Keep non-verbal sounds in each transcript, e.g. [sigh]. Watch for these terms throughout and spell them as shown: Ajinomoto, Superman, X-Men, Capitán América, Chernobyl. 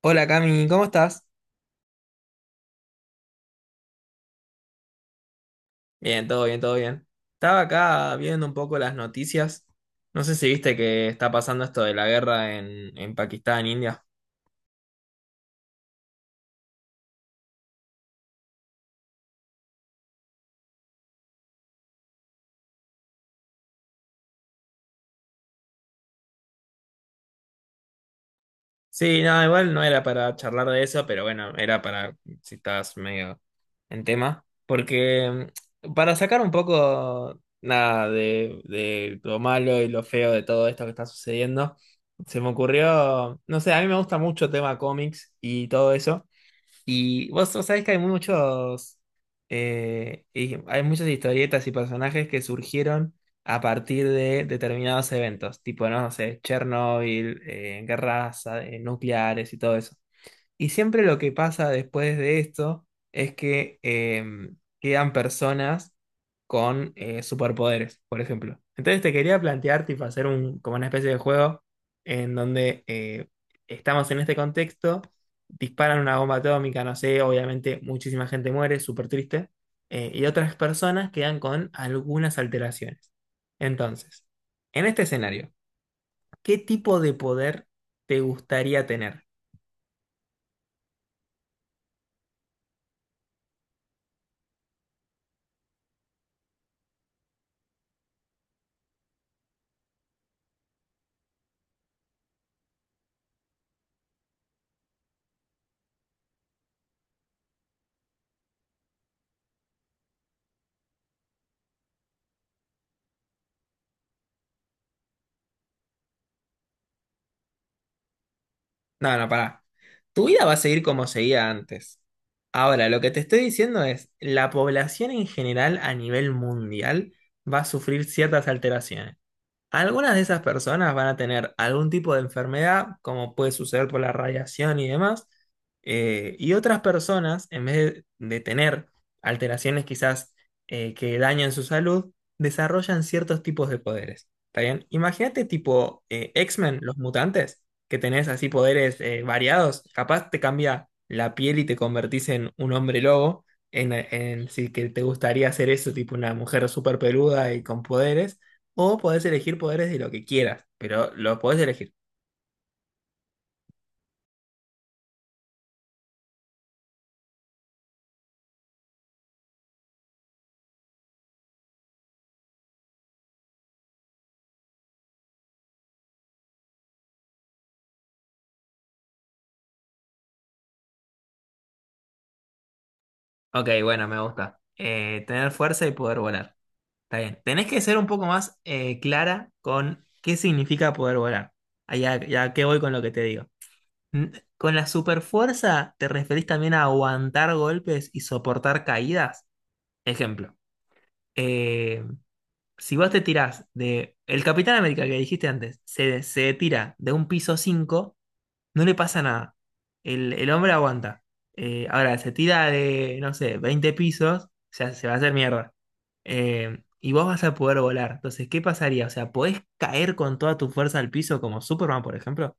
Hola Cami, ¿cómo estás? Bien, todo bien, todo bien. Estaba acá viendo un poco las noticias. No sé si viste que está pasando esto de la guerra en Pakistán, India. Sí, no, igual no era para charlar de eso, pero bueno, era para si estás medio en tema. Porque para sacar un poco nada de lo malo y lo feo de todo esto que está sucediendo, se me ocurrió, no sé, a mí me gusta mucho tema cómics y todo eso. Y vos sabés que hay muchos, y hay muchas historietas y personajes que surgieron a partir de determinados eventos, tipo, no sé, Chernobyl, guerras, nucleares y todo eso. Y siempre lo que pasa después de esto es que quedan personas con superpoderes, por ejemplo. Entonces te quería plantear, tipo, hacer un, como una especie de juego en donde estamos en este contexto, disparan una bomba atómica, no sé, obviamente muchísima gente muere, súper triste, y otras personas quedan con algunas alteraciones. Entonces, en este escenario, ¿qué tipo de poder te gustaría tener? No, no, pará. Tu vida va a seguir como seguía antes. Ahora, lo que te estoy diciendo es, la población en general a nivel mundial va a sufrir ciertas alteraciones. Algunas de esas personas van a tener algún tipo de enfermedad, como puede suceder por la radiación y demás, y otras personas, en vez de tener alteraciones quizás que dañan su salud, desarrollan ciertos tipos de poderes. ¿Está bien? Imagínate tipo X-Men, los mutantes, que tenés así poderes variados, capaz te cambia la piel y te convertís en un hombre lobo, si que te gustaría hacer eso, tipo una mujer súper peluda y con poderes. O podés elegir poderes de lo que quieras, pero los podés elegir. Ok, bueno, me gusta. Tener fuerza y poder volar. Está bien. Tenés que ser un poco más clara con qué significa poder volar. Allá, ya qué voy con lo que te digo. N- ¿Con la superfuerza te referís también a aguantar golpes y soportar caídas? Ejemplo. Eh, si vos te tirás de... El Capitán América que dijiste antes, se tira de un piso 5. No le pasa nada. El hombre aguanta. Ahora, se tira de, no sé, 20 pisos, o sea, se va a hacer mierda. Y vos vas a poder volar. Entonces, ¿qué pasaría? O sea, ¿podés caer con toda tu fuerza al piso como Superman, por ejemplo?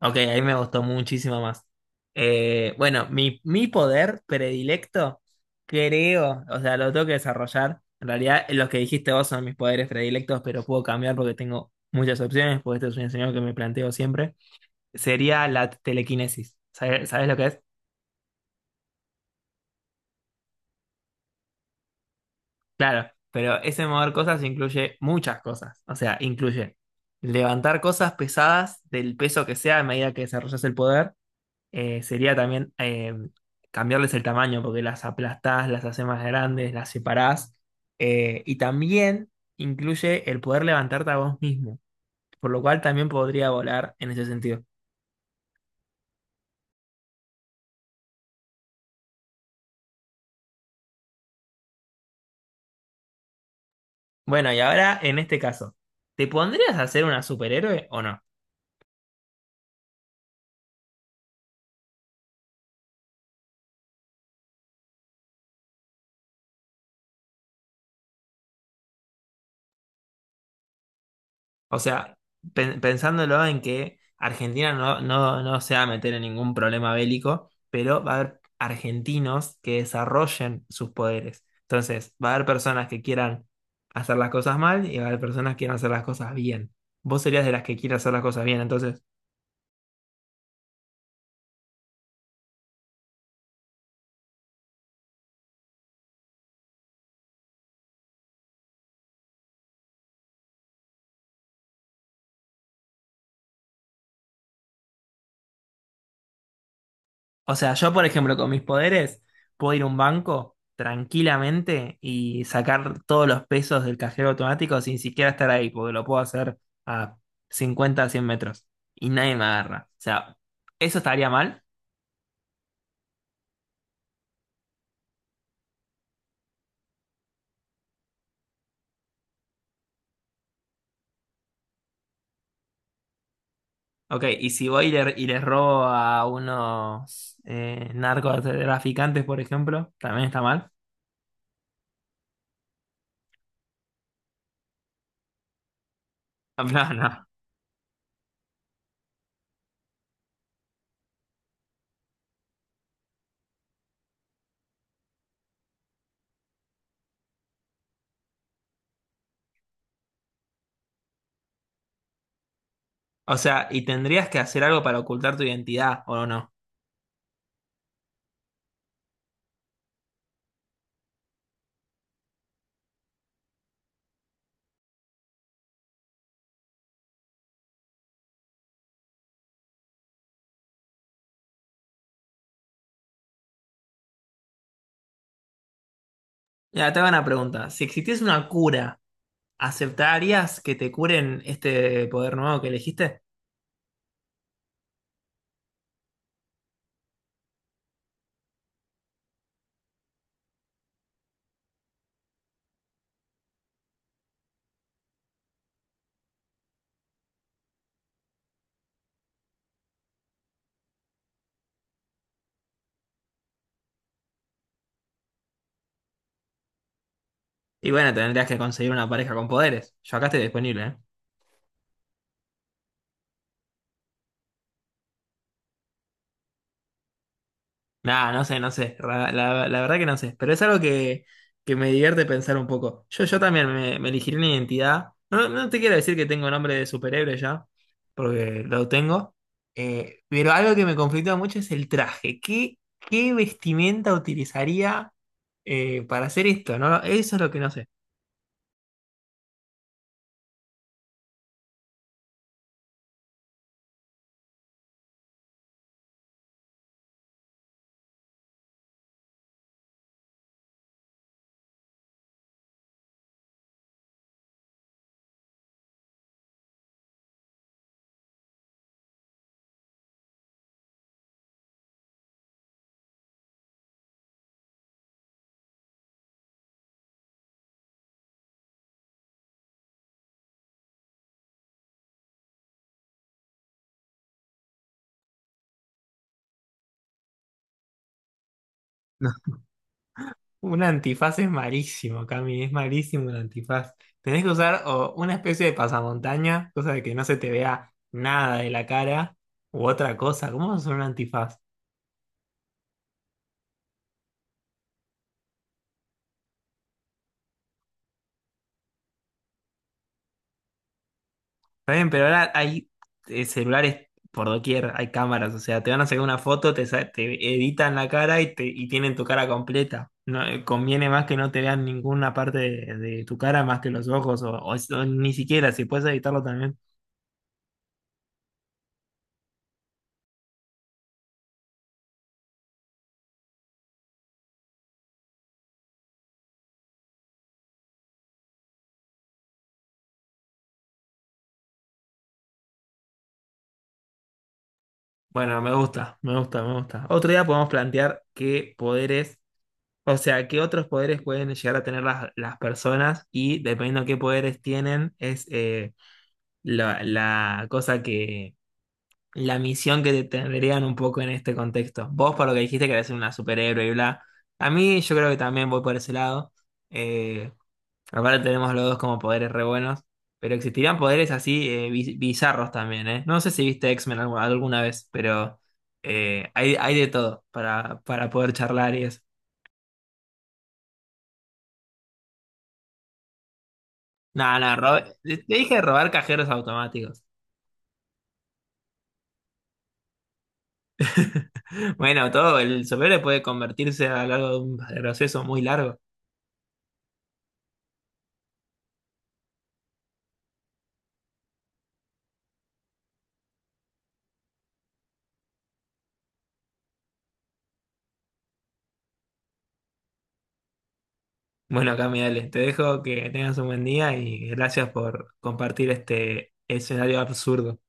Ok, ahí me gustó muchísimo más. Bueno, mi poder predilecto, creo, o sea, lo tengo que desarrollar. En realidad, los que dijiste vos son mis poderes predilectos, pero puedo cambiar porque tengo muchas opciones, porque este es un escenario que me planteo siempre. Sería la telequinesis. ¿Sabes lo que es? Claro, pero ese mover cosas incluye muchas cosas. O sea, incluye levantar cosas pesadas del peso que sea a medida que desarrollas el poder. Sería también cambiarles el tamaño porque las aplastás, las haces más grandes, las separás. Y también incluye el poder levantarte a vos mismo, por lo cual también podría volar en ese sentido. Bueno, y ahora en este caso, ¿te pondrías a ser una superhéroe o no? O sea, pensándolo en que Argentina no, no, no se va a meter en ningún problema bélico, pero va a haber argentinos que desarrollen sus poderes. Entonces, va a haber personas que quieran hacer las cosas mal y va a haber personas que quieran hacer las cosas bien. Vos serías de las que quiere hacer las cosas bien, entonces. O sea, yo, por ejemplo, con mis poderes, puedo ir a un banco tranquilamente y sacar todos los pesos del cajero automático sin siquiera estar ahí, porque lo puedo hacer a 50, 100 metros y nadie me agarra. O sea, ¿eso estaría mal? Ok, y si voy y y les robo a unos narcotraficantes, por ejemplo, ¿también está mal? [laughs] No, no. O sea, y tendrías que hacer algo para ocultar tu identidad, ¿o no? Mira, te hago una pregunta. Si existiese una cura, ¿aceptarías que te curen este poder nuevo que elegiste? Y bueno, tendrías que conseguir una pareja con poderes. Yo acá estoy disponible, ¿eh? Nah, no sé, no sé. La verdad que no sé. Pero es algo que me divierte pensar un poco. Yo también me elegiría una identidad. No, no te quiero decir que tengo nombre de superhéroe ya, porque lo tengo. Pero algo que me conflictúa mucho es el traje. ¿Qué vestimenta utilizaría para hacer esto? No, eso es lo que no sé. Un antifaz es malísimo, Cami, es malísimo un antifaz. Tenés que usar o una especie de pasamontaña, cosa de que no se te vea nada de la cara, u otra cosa. ¿Cómo vas a usar un antifaz? Está bien, pero ahora hay celulares por doquier, hay cámaras, o sea, te van a sacar una foto, te editan la cara y tienen tu cara completa. No, conviene más que no te vean ninguna parte de tu cara más que los ojos, o ni siquiera, si puedes editarlo también. Bueno, me gusta, me gusta, me gusta. Otro día podemos plantear qué poderes, o sea, qué otros poderes pueden llegar a tener las personas y dependiendo de qué poderes tienen, es la cosa que, la misión que tendrían un poco en este contexto. Vos, por lo que dijiste, querés ser una superhéroe y bla. A mí yo creo que también voy por ese lado. Eh, Aparte tenemos los dos como poderes re buenos, pero existirían poderes así bizarros también, ¿eh? No sé si viste X-Men alguna vez, pero hay de todo para poder charlar y eso. No, no, te dije robar cajeros automáticos. [laughs] Bueno, todo, el superhéroe puede convertirse a lo largo de un proceso muy largo. Bueno, Cami, dale, te dejo que tengas un buen día y gracias por compartir este escenario absurdo.